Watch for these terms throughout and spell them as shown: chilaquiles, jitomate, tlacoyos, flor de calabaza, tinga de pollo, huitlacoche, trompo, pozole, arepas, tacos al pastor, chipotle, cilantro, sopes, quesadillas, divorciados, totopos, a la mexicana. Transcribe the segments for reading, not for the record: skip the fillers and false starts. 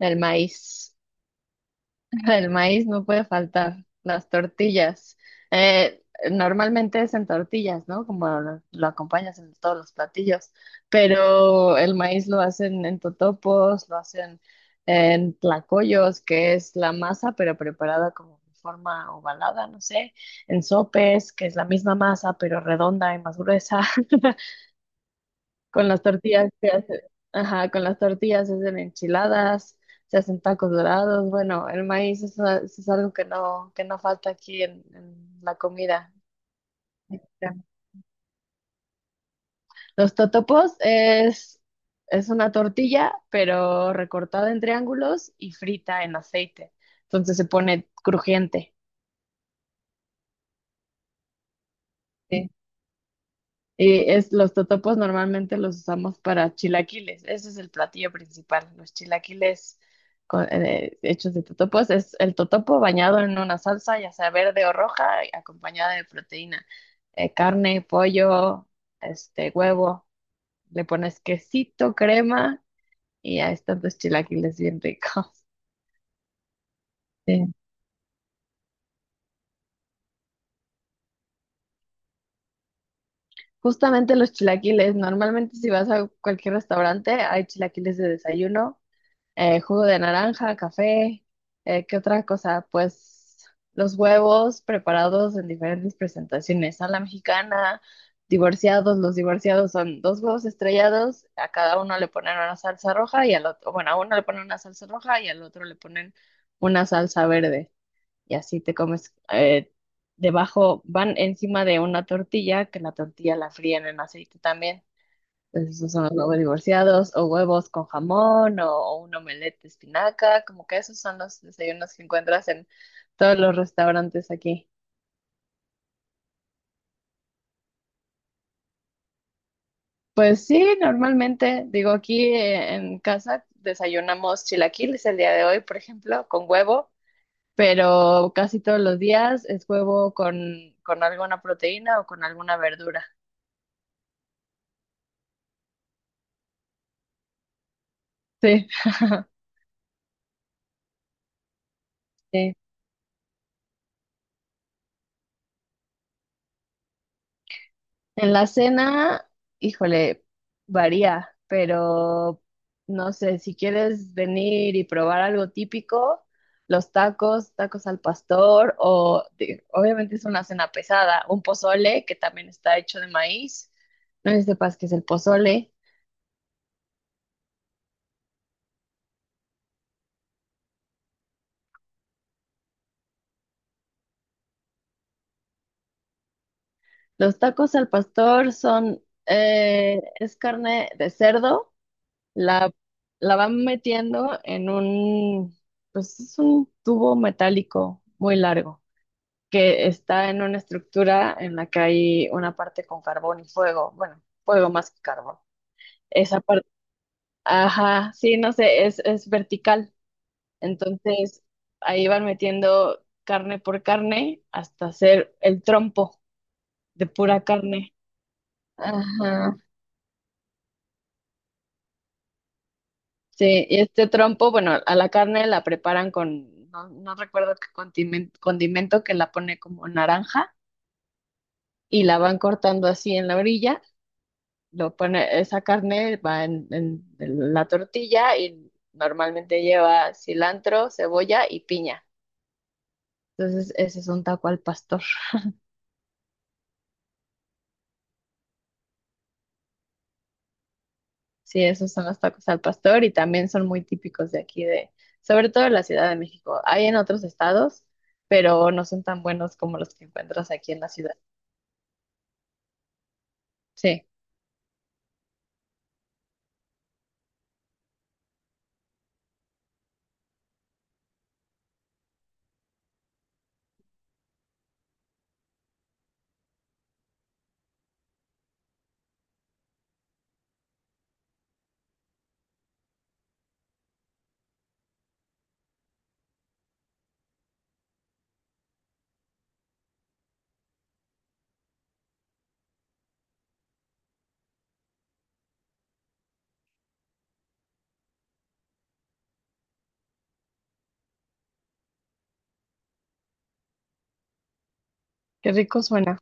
El maíz, el maíz no puede faltar, las tortillas. Eh, Normalmente es en tortillas, ¿no? Como lo acompañas en todos los platillos, pero el maíz lo hacen en totopos, lo hacen en tlacoyos, que es la masa, pero preparada como en forma ovalada, no sé, en sopes, que es la misma masa, pero redonda y más gruesa. Con las tortillas se hace, ajá, con las tortillas se hacen enchiladas, se hacen tacos dorados. Bueno, el maíz es algo que no falta aquí en la comida. Los totopos es una tortilla, pero recortada en triángulos y frita en aceite. Entonces se pone crujiente. Y es, los totopos normalmente los usamos para chilaquiles. Ese es el platillo principal. Los chilaquiles hechos de totopos es el totopo bañado en una salsa, ya sea verde o roja, y acompañada de proteína. Carne, pollo, este, huevo. Le pones quesito, crema y ahí están tus chilaquiles bien ricos. Sí. Justamente los chilaquiles, normalmente si vas a cualquier restaurante hay chilaquiles de desayuno, jugo de naranja, café, ¿qué otra cosa? Pues los huevos preparados en diferentes presentaciones, a la mexicana, divorciados, los divorciados son dos huevos estrellados, a cada uno le ponen una salsa roja y al otro, bueno, a uno le ponen una salsa roja y al otro le ponen una salsa verde y así te comes, debajo, van encima de una tortilla, que la tortilla la fríen en aceite también. Entonces, esos son los huevos divorciados, o huevos con jamón, o un omelette de espinaca, como que esos son los desayunos que encuentras en todos los restaurantes aquí. Pues sí, normalmente, digo, aquí en casa desayunamos chilaquiles el día de hoy, por ejemplo, con huevo, pero casi todos los días es huevo con alguna proteína o con alguna verdura. Sí. Sí. En la cena, híjole, varía, pero no sé, si quieres venir y probar algo típico, los tacos, tacos al pastor, obviamente es una cena pesada, un pozole que también está hecho de maíz, no sé si sepas qué es el pozole. Los tacos al pastor son, es carne de cerdo, la, la van metiendo en un, pues es un tubo metálico muy largo, que está en una estructura en la que hay una parte con carbón y fuego, bueno, fuego más que carbón. Esa parte, ajá, sí, no sé, es vertical. Entonces, ahí van metiendo carne por carne hasta hacer el trompo de pura carne. Ajá. Sí, y este trompo, bueno, a la carne la preparan con, no, no recuerdo qué condimento, condimento que la pone como naranja y la van cortando así en la orilla, lo pone, esa carne va en la tortilla y normalmente lleva cilantro, cebolla y piña. Entonces, ese es un taco al pastor. Sí, esos son los tacos al pastor y también son muy típicos de aquí, de sobre todo en la Ciudad de México. Hay en otros estados, pero no son tan buenos como los que encuentras aquí en la ciudad. Sí, qué rico suena.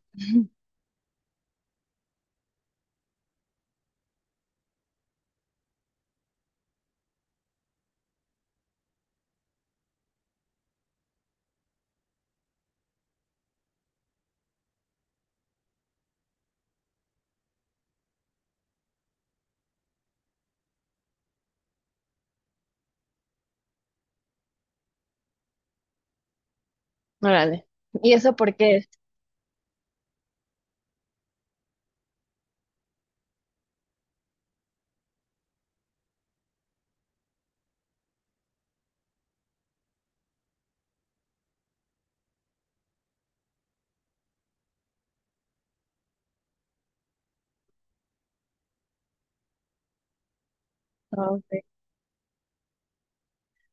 Órale. ¿Y eso por qué es? Ah, ok.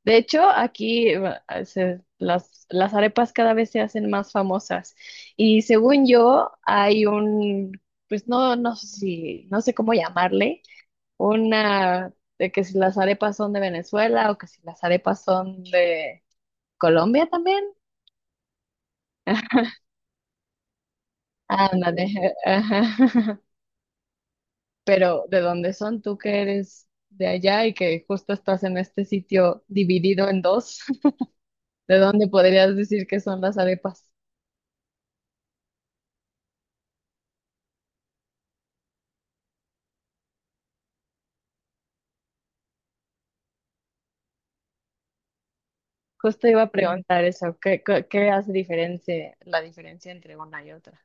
De hecho, aquí las arepas cada vez se hacen más famosas. Y según yo, hay un, pues no, no sé si, no sé cómo llamarle, una de que si las arepas son de Venezuela o que si las arepas son de Colombia también. Ándale, ajá. Pero ¿de dónde son tú que eres de allá y que justo estás en este sitio dividido en dos? ¿De dónde podrías decir que son las arepas? Justo iba a preguntar eso, ¿ qué hace la diferencia entre una y otra?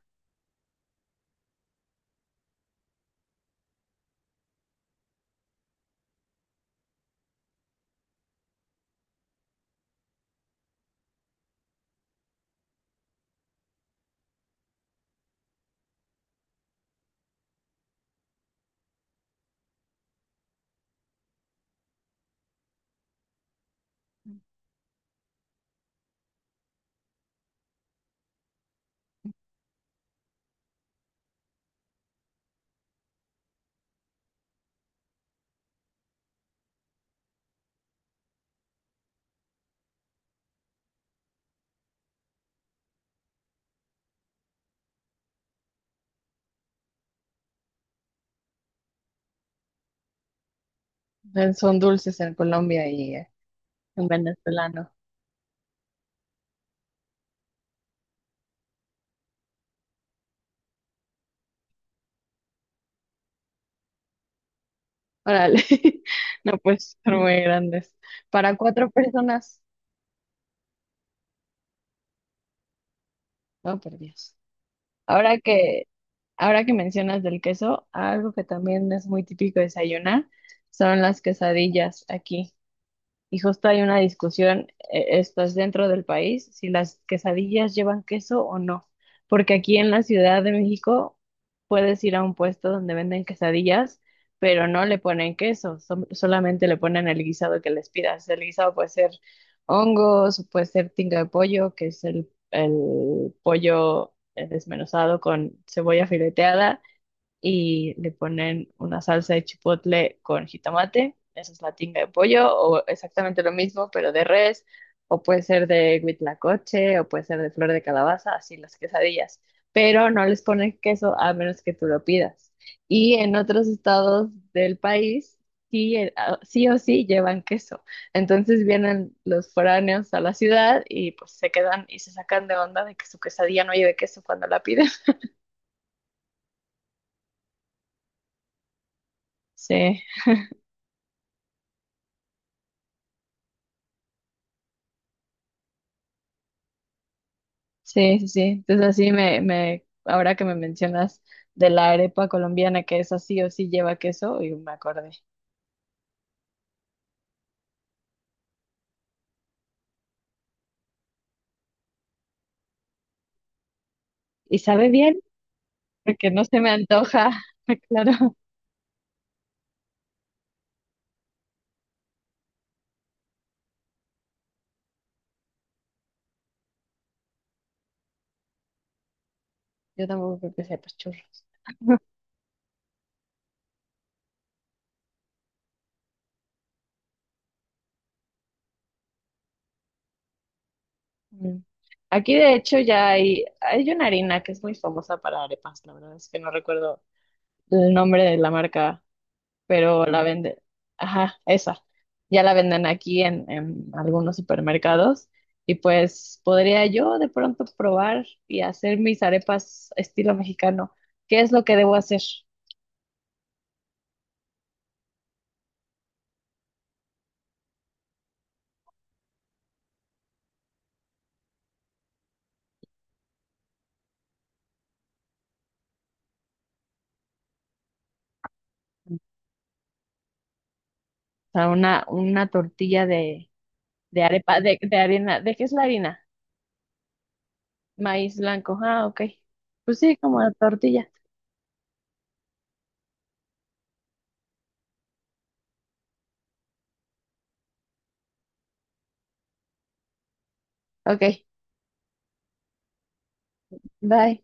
Son dulces en Colombia y en venezolano. Órale, no pues son muy grandes. Para cuatro personas, no, por Dios. Ahora que, ahora que mencionas del queso, algo que también es muy típico desayunar son las quesadillas aquí. Y justo hay una discusión, esto es dentro del país, si las quesadillas llevan queso o no. Porque aquí en la Ciudad de México puedes ir a un puesto donde venden quesadillas, pero no le ponen queso, solamente le ponen el guisado que les pidas. El guisado puede ser hongos, puede ser tinga de pollo, que es el pollo desmenuzado con cebolla fileteada y le ponen una salsa de chipotle con jitomate. Esa es la tinga de pollo, o exactamente lo mismo, pero de res, o puede ser de huitlacoche, o puede ser de flor de calabaza, así las quesadillas. Pero no les ponen queso a menos que tú lo pidas. Y en otros estados del país, sí, sí o sí llevan queso. Entonces vienen los foráneos a la ciudad y pues se quedan y se sacan de onda de que su quesadilla no lleve queso cuando la piden. Sí. Sí, sí, sí. Entonces así ahora que me mencionas de la arepa colombiana, que es así o sí lleva queso, y me acordé. Y sabe bien, porque no se me antoja, claro. Yo tampoco creo que sepa churros. Mm. Aquí de hecho ya hay una harina que es muy famosa para arepas, la verdad es que no recuerdo el nombre de la marca, pero la venden, ajá, esa, ya la venden aquí en algunos supermercados y pues podría yo de pronto probar y hacer mis arepas estilo mexicano. ¿Qué es lo que debo hacer? O sea, una tortilla de arepa, de harina, ¿de qué es la harina? Maíz blanco, ah, ok. Pues sí, como la tortilla, ok, bye.